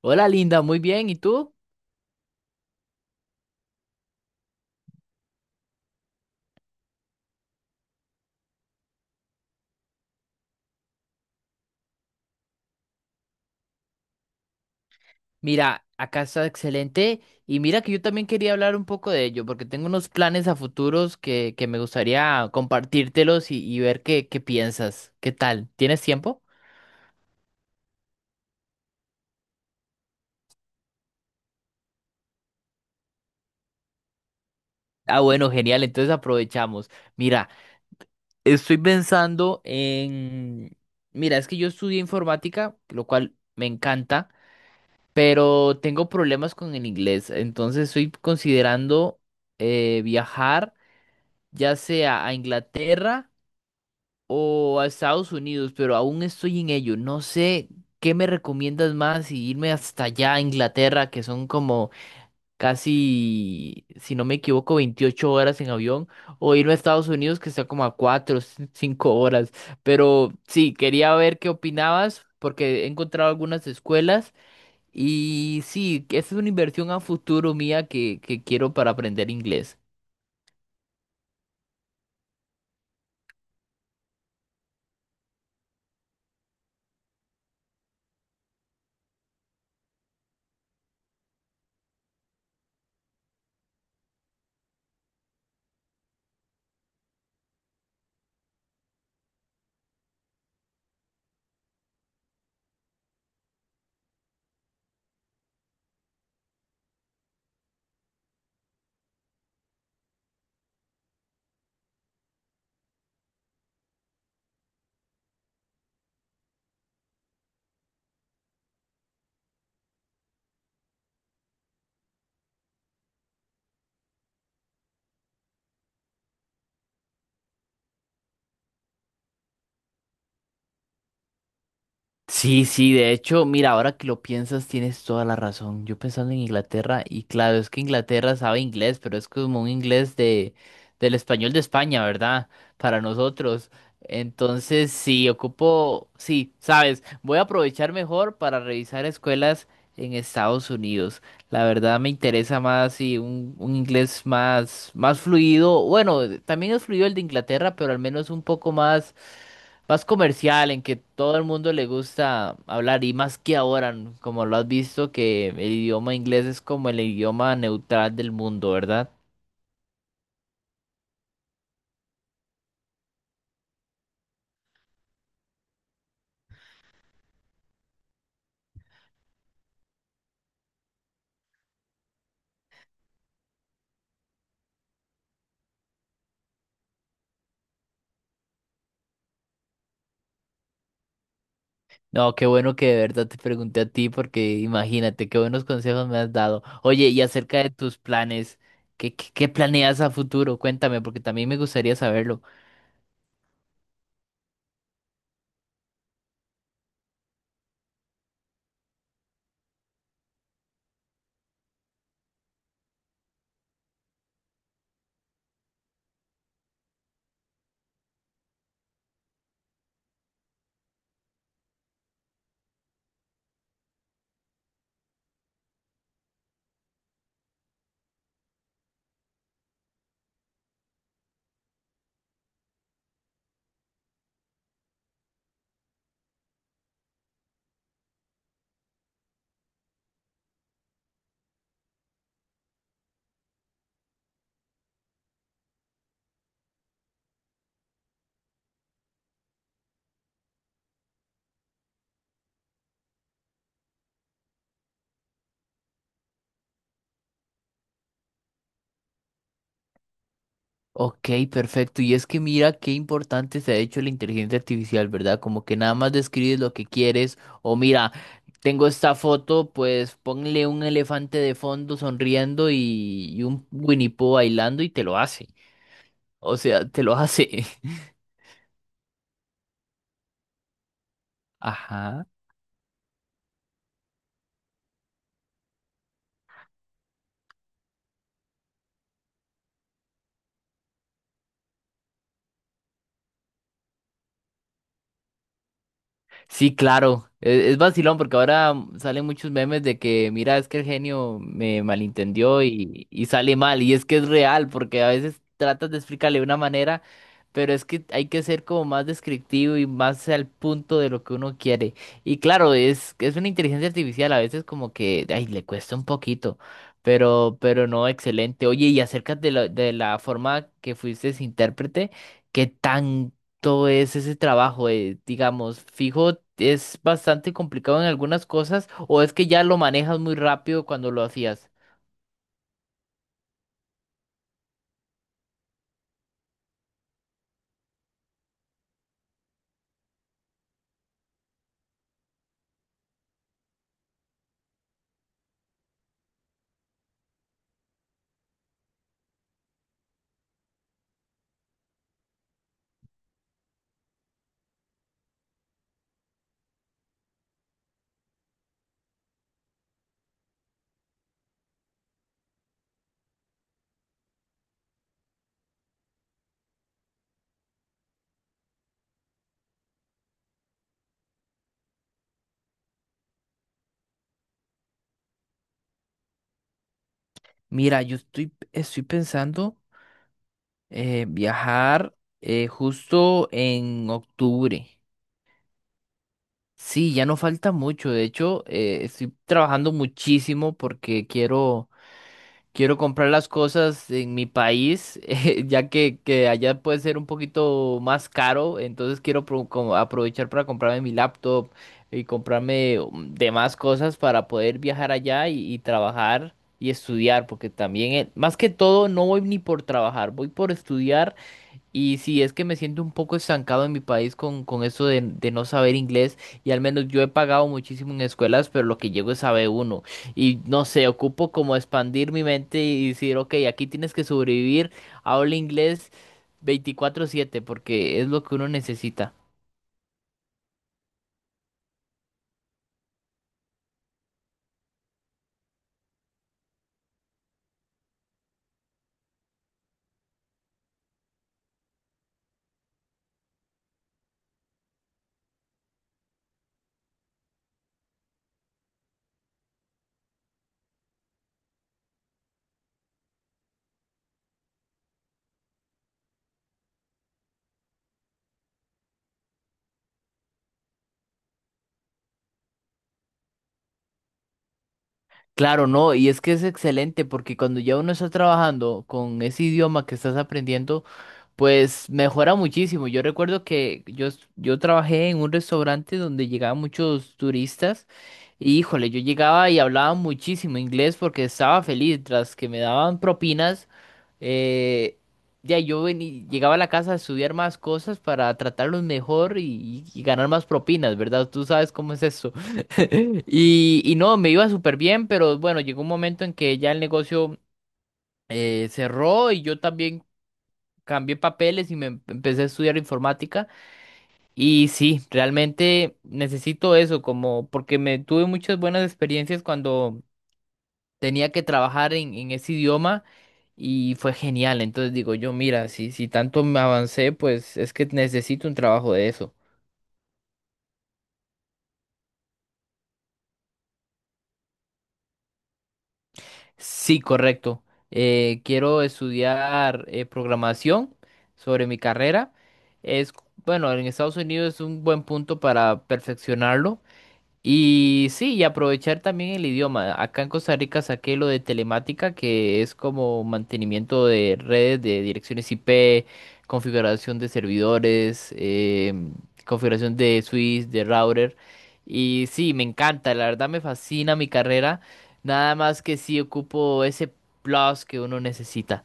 Hola Linda, muy bien. ¿Y tú? Mira, acá está excelente. Y mira que yo también quería hablar un poco de ello, porque tengo unos planes a futuros que me gustaría compartírtelos y ver qué piensas. ¿Qué tal? ¿Tienes tiempo? Ah, bueno, genial. Entonces aprovechamos. Mira, estoy pensando en... Mira, es que yo estudié informática, lo cual me encanta, pero tengo problemas con el inglés. Entonces estoy considerando viajar, ya sea a Inglaterra o a Estados Unidos, pero aún estoy en ello. No sé qué me recomiendas más, si irme hasta allá a Inglaterra, que son como casi, si no me equivoco, 28 horas en avión, o irme a Estados Unidos, que está como a 4, 5 horas. Pero sí, quería ver qué opinabas, porque he encontrado algunas escuelas. Y sí, que esa es una inversión a futuro mía que quiero para aprender inglés. Sí, sí, de hecho, mira, ahora que lo piensas, tienes toda la razón. Yo pensando en Inglaterra, y claro, es que Inglaterra sabe inglés, pero es como un del español de España, ¿verdad? Para nosotros. Entonces, sí, ocupo, sí, sabes, voy a aprovechar mejor para revisar escuelas en Estados Unidos. La verdad me interesa más sí, un inglés más, más fluido. Bueno, también es fluido el de Inglaterra, pero al menos un poco más, más comercial, en que todo el mundo le gusta hablar. Y más que ahora, como lo has visto, que el idioma inglés es como el idioma neutral del mundo, ¿verdad? No, qué bueno que de verdad te pregunté a ti, porque imagínate, qué buenos consejos me has dado. Oye, y acerca de tus planes, qué planeas a futuro? Cuéntame, porque también me gustaría saberlo. Ok, perfecto. Y es que mira qué importante se ha hecho la inteligencia artificial, ¿verdad? Como que nada más describes lo que quieres o mira, tengo esta foto, pues ponle un elefante de fondo sonriendo y un Winnie Pooh bailando y te lo hace. O sea, te lo hace. Ajá. Sí, claro. Es vacilón porque ahora salen muchos memes de que, mira, es que el genio me malentendió y sale mal. Y es que es real porque a veces tratas de explicarle de una manera, pero es que hay que ser como más descriptivo y más al punto de lo que uno quiere. Y claro, es una inteligencia artificial, a veces como que, ay, le cuesta un poquito, pero no, excelente. Oye, y acerca de de la forma que fuiste intérprete. ¿Qué tan todo es ese trabajo, digamos, fijo, es bastante complicado en algunas cosas o es que ya lo manejas muy rápido cuando lo hacías? Mira, yo estoy pensando viajar justo en octubre. Sí, ya no falta mucho, de hecho, estoy trabajando muchísimo porque quiero... Quiero comprar las cosas en mi país, ya que allá puede ser un poquito más caro, entonces quiero como aprovechar para comprarme mi laptop y comprarme demás cosas para poder viajar allá y trabajar y estudiar, porque también, más que todo, no voy ni por trabajar, voy por estudiar, y si es que me siento un poco estancado en mi país con eso de no saber inglés, y al menos yo he pagado muchísimo en escuelas, pero lo que llego es a B1. Y no sé, ocupo como expandir mi mente y decir, ok, aquí tienes que sobrevivir, habla inglés 24/7, porque es lo que uno necesita. Claro, no, y es que es excelente porque cuando ya uno está trabajando con ese idioma que estás aprendiendo, pues mejora muchísimo. Yo recuerdo que yo trabajé en un restaurante donde llegaban muchos turistas, y híjole, yo llegaba y hablaba muchísimo inglés porque estaba feliz tras que me daban propinas. eh, ya llegaba a la casa a estudiar más cosas para tratarlos mejor y ganar más propinas, ¿verdad? Tú sabes cómo es eso. Y no, me iba súper bien, pero bueno, llegó un momento en que ya el negocio cerró y yo también cambié papeles y me empecé a estudiar informática. Y sí, realmente necesito eso, como porque me tuve muchas buenas experiencias cuando tenía que trabajar en ese idioma y fue genial. Entonces digo yo, mira, si tanto me avancé, pues es que necesito un trabajo de eso. Sí, correcto. Quiero estudiar programación sobre mi carrera. Es, bueno, en Estados Unidos es un buen punto para perfeccionarlo. Y sí, y aprovechar también el idioma. Acá en Costa Rica saqué lo de telemática, que es como mantenimiento de redes de direcciones IP, configuración de servidores, configuración de switch, de router. Y sí, me encanta, la verdad me fascina mi carrera. Nada más que sí ocupo ese plus que uno necesita.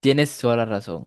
Tienes toda la razón.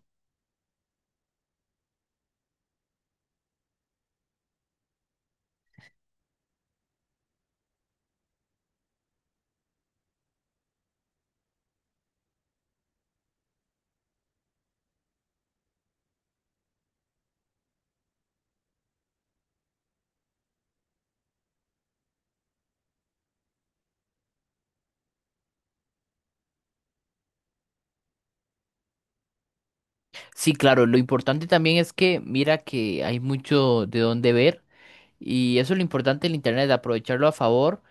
Sí, claro, lo importante también es que mira que hay mucho de dónde ver. Y eso es lo importante del internet, aprovecharlo a favor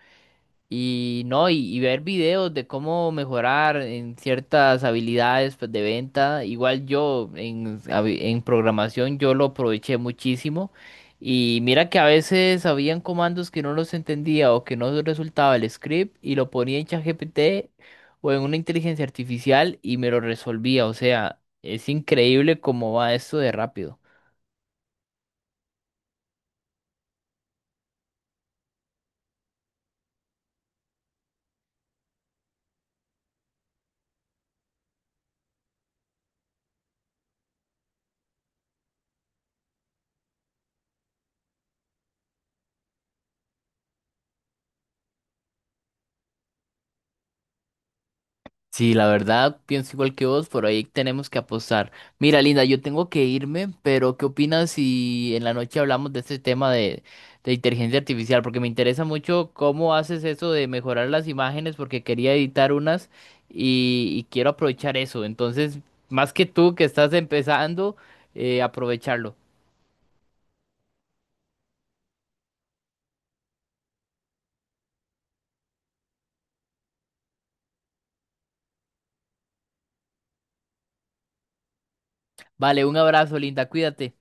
y no, y ver videos de cómo mejorar en ciertas habilidades pues, de venta. Igual yo en programación yo lo aproveché muchísimo. Y mira que a veces habían comandos que no los entendía o que no resultaba el script y lo ponía en ChatGPT o en una inteligencia artificial y me lo resolvía. O sea, es increíble cómo va esto de rápido. Sí, la verdad, pienso igual que vos, por ahí tenemos que apostar. Mira, Linda, yo tengo que irme, pero ¿qué opinas si en la noche hablamos de este tema de inteligencia artificial? Porque me interesa mucho cómo haces eso de mejorar las imágenes, porque quería editar unas y quiero aprovechar eso. Entonces, más que tú que estás empezando, aprovecharlo. Vale, un abrazo, Linda, cuídate.